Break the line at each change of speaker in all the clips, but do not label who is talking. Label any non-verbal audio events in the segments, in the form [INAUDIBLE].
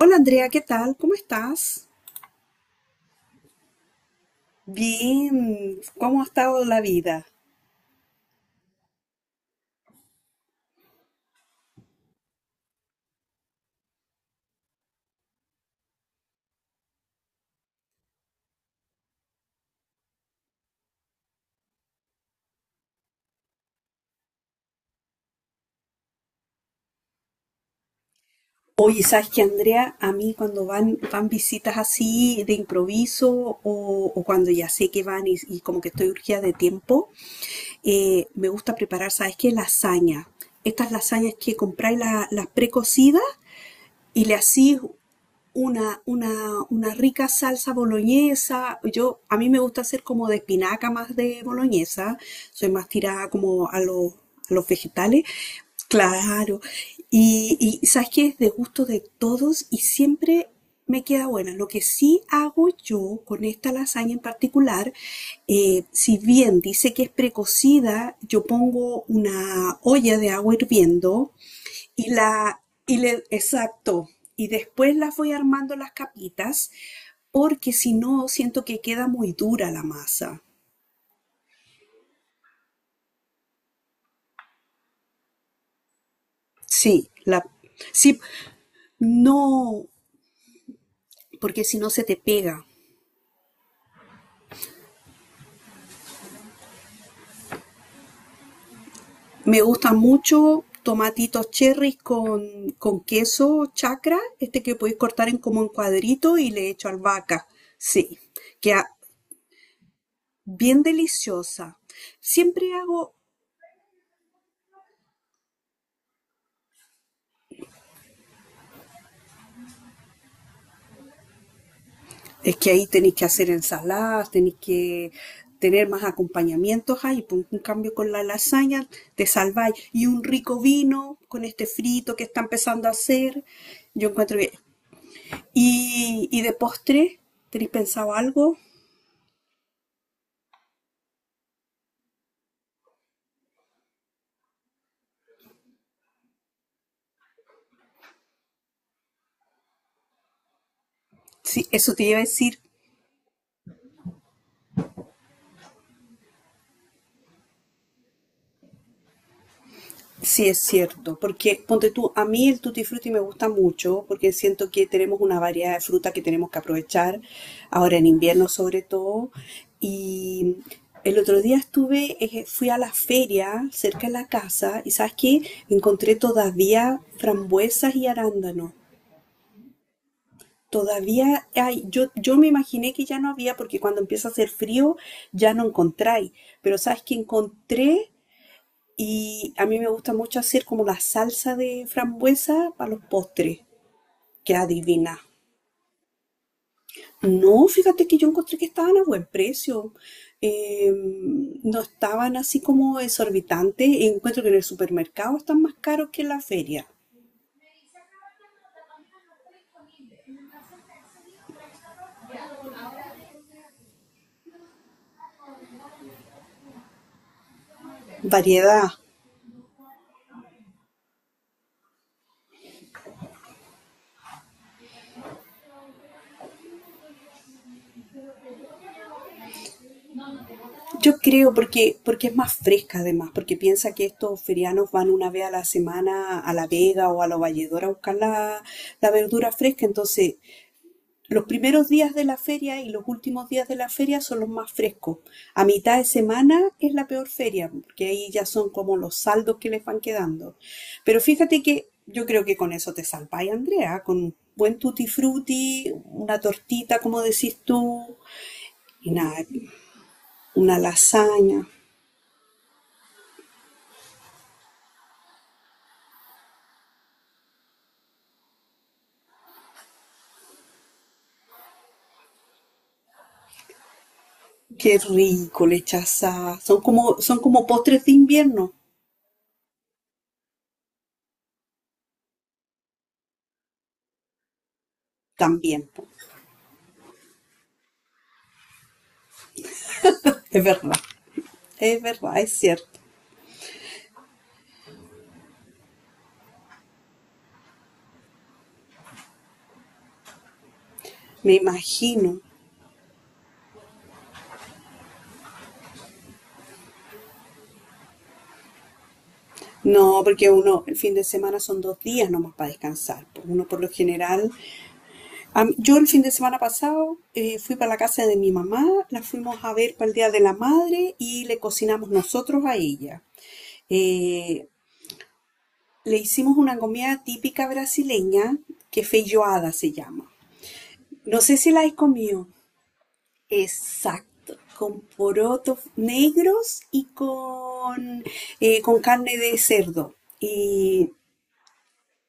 Hola Andrea, ¿qué tal? ¿Cómo estás? Bien, ¿cómo ha estado la vida? Oye, ¿sabes qué, Andrea? A mí cuando van visitas así de improviso o cuando ya sé que van y como que estoy urgida de tiempo, me gusta preparar, ¿sabes qué? Lasaña. Estas lasañas que compráis las precocidas y le hacís una rica salsa boloñesa. Yo, a mí me gusta hacer como de espinaca más de boloñesa. Soy más tirada como a a los vegetales. Claro. Y sabes que es de gusto de todos y siempre me queda buena. Lo que sí hago yo con esta lasaña en particular, si bien dice que es precocida, yo pongo una olla de agua hirviendo y exacto. Y después las voy armando las capitas, porque si no, siento que queda muy dura la masa. Sí, la, sí, no, porque si no se te pega. Me gustan mucho tomatitos cherries con queso chacra, este que podéis cortar en como en cuadrito y le echo albahaca. Sí, queda bien deliciosa. Siempre hago. Es que ahí tenéis que hacer ensaladas, tenéis que tener más acompañamientos ahí, pues. En cambio, con la lasaña te salváis. Y un rico vino con este frito que está empezando a hacer. Yo encuentro bien. Y de postre, ¿tenéis pensado algo? Sí, eso te iba a decir. Sí, es cierto, porque ponte tú, a mí el tutti frutti me gusta mucho porque siento que tenemos una variedad de fruta que tenemos que aprovechar, ahora en invierno sobre todo. Y el otro día estuve, fui a la feria cerca de la casa y ¿sabes qué? Encontré todavía frambuesas y arándanos. Todavía hay, yo me imaginé que ya no había porque cuando empieza a hacer frío ya no encontráis, pero ¿sabes qué encontré? Y a mí me gusta mucho hacer como la salsa de frambuesa para los postres. Queda divina. No, fíjate que yo encontré que estaban a buen precio. Eh, no estaban así como exorbitantes. Encuentro que en el supermercado están más caros que en la feria. Variedad. Yo creo porque, porque es más fresca además, porque piensa que estos ferianos van una vez a la semana a La Vega o a La Valledora a buscar la verdura fresca, entonces los primeros días de la feria y los últimos días de la feria son los más frescos. A mitad de semana es la peor feria, porque ahí ya son como los saldos que les van quedando. Pero fíjate que yo creo que con eso te salváis, Andrea, con un buen tutti frutti, una tortita, como decís tú, y nada, una lasaña. Qué rico, lechaza. Son como postres de invierno también, po. Es verdad, es verdad, es cierto. Me imagino. No, porque uno, el fin de semana son dos días nomás para descansar, pues. Uno por lo general, yo el fin de semana pasado fui para la casa de mi mamá, la fuimos a ver para el Día de la Madre y le cocinamos nosotros a ella. Eh, le hicimos una comida típica brasileña que feijoada se llama. No sé si la has comido. Exacto, con porotos negros y con carne de cerdo. Y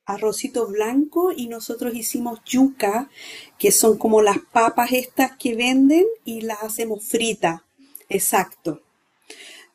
arrocito blanco y nosotros hicimos yuca, que son como las papas estas que venden y las hacemos fritas. Exacto.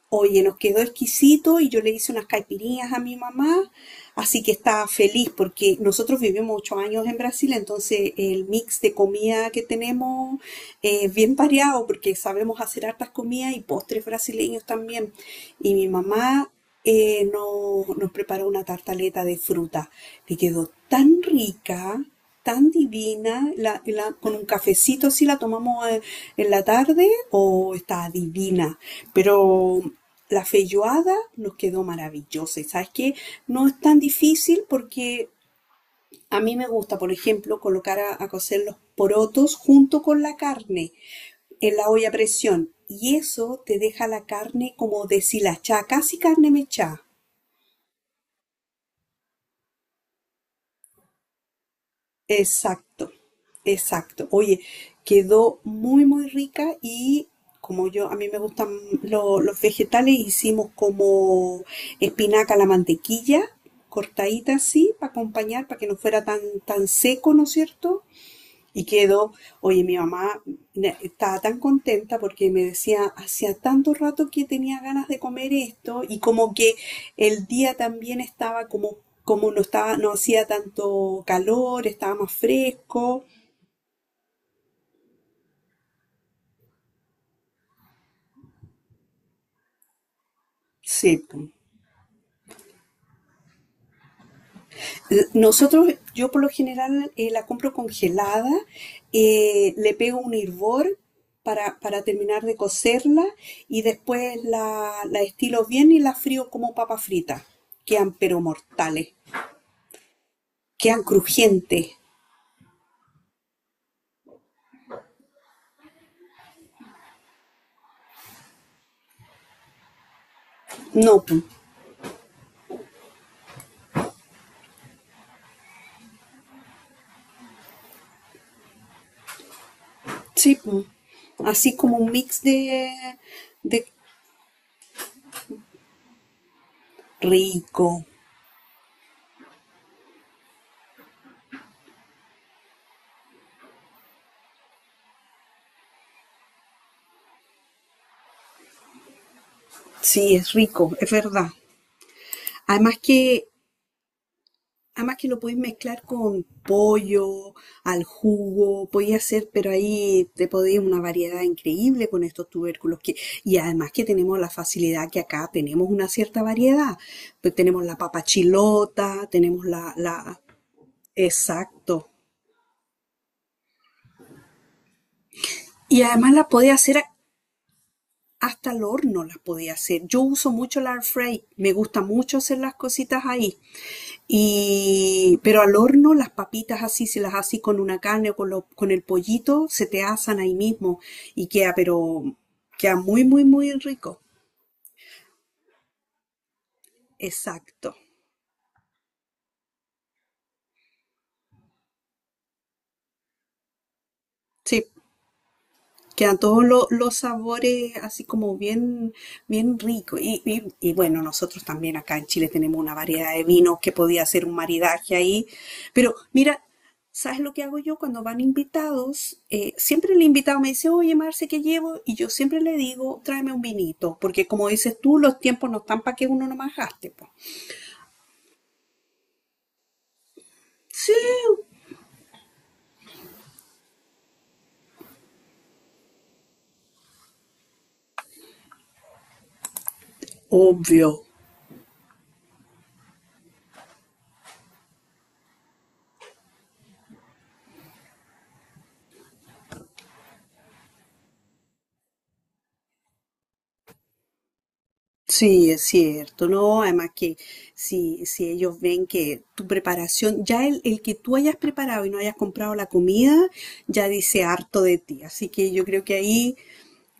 Oye, nos quedó exquisito y yo le hice unas caipirinhas a mi mamá, así que estaba feliz porque nosotros vivimos 8 años en Brasil, entonces el mix de comida que tenemos es bien variado porque sabemos hacer hartas comidas y postres brasileños también. Y mi mamá nos preparó una tartaleta de fruta, que quedó tan rica, tan divina. Con un cafecito si la tomamos en la tarde, o está divina. Pero la feijoada nos quedó maravillosa. Y sabes que no es tan difícil porque a mí me gusta, por ejemplo, colocar a cocer los porotos junto con la carne en la olla a presión. Y eso te deja la carne como deshilachada, casi carne mechada. Exacto. Exacto. Oye, quedó muy, muy rica y como yo, a mí me gustan los vegetales, hicimos como espinaca a la mantequilla, cortadita así, para acompañar, para que no fuera tan, tan seco, ¿no es cierto? Y quedó, oye, mi mamá estaba tan contenta porque me decía, hacía tanto rato que tenía ganas de comer esto, y como que el día también estaba como, como no estaba, no hacía tanto calor, estaba más fresco. Sí, pues. Nosotros, yo por lo general la compro congelada, le pego un hervor para terminar de cocerla y después la estilo bien y la frío como papa frita. Quedan pero mortales, quedan crujientes. No, pu. Sí, pu. Así como un mix de rico. Sí, es rico, es verdad. Además que además que lo podéis mezclar con pollo, al jugo, podéis hacer, pero ahí te podéis una variedad increíble con estos tubérculos. Que, y además que tenemos la facilidad que acá tenemos una cierta variedad. Pues tenemos la papa chilota, tenemos la, exacto. Y además las podéis hacer hasta al horno, las podéis hacer. Yo uso mucho la air fry, me gusta mucho hacer las cositas ahí. Y, pero al horno las papitas así, si las haces con una carne o con, con el pollito, se te asan ahí mismo y queda, pero queda muy, muy, muy rico. Exacto. Sí, quedan todos los sabores así como bien, bien rico. Y bueno, nosotros también acá en Chile tenemos una variedad de vinos que podía hacer un maridaje ahí. Pero mira, ¿sabes lo que hago yo cuando van invitados? Siempre el invitado me dice, oye, Marce, ¿qué llevo? Y yo siempre le digo, tráeme un vinito, porque como dices tú, los tiempos no están para que uno nomás gaste, po. Sí, obvio. Sí, es cierto, ¿no? Además que si, si ellos ven que tu preparación, ya el que tú hayas preparado y no hayas comprado la comida, ya dice harto de ti. Así que yo creo que ahí,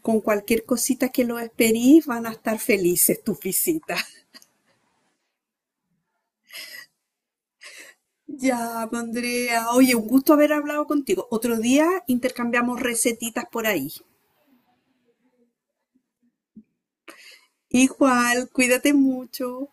con cualquier cosita que los esperís, van a estar felices tus visitas. [LAUGHS] Ya, pues, Andrea, oye, un gusto haber hablado contigo. Otro día intercambiamos recetitas por ahí. Igual, cuídate mucho.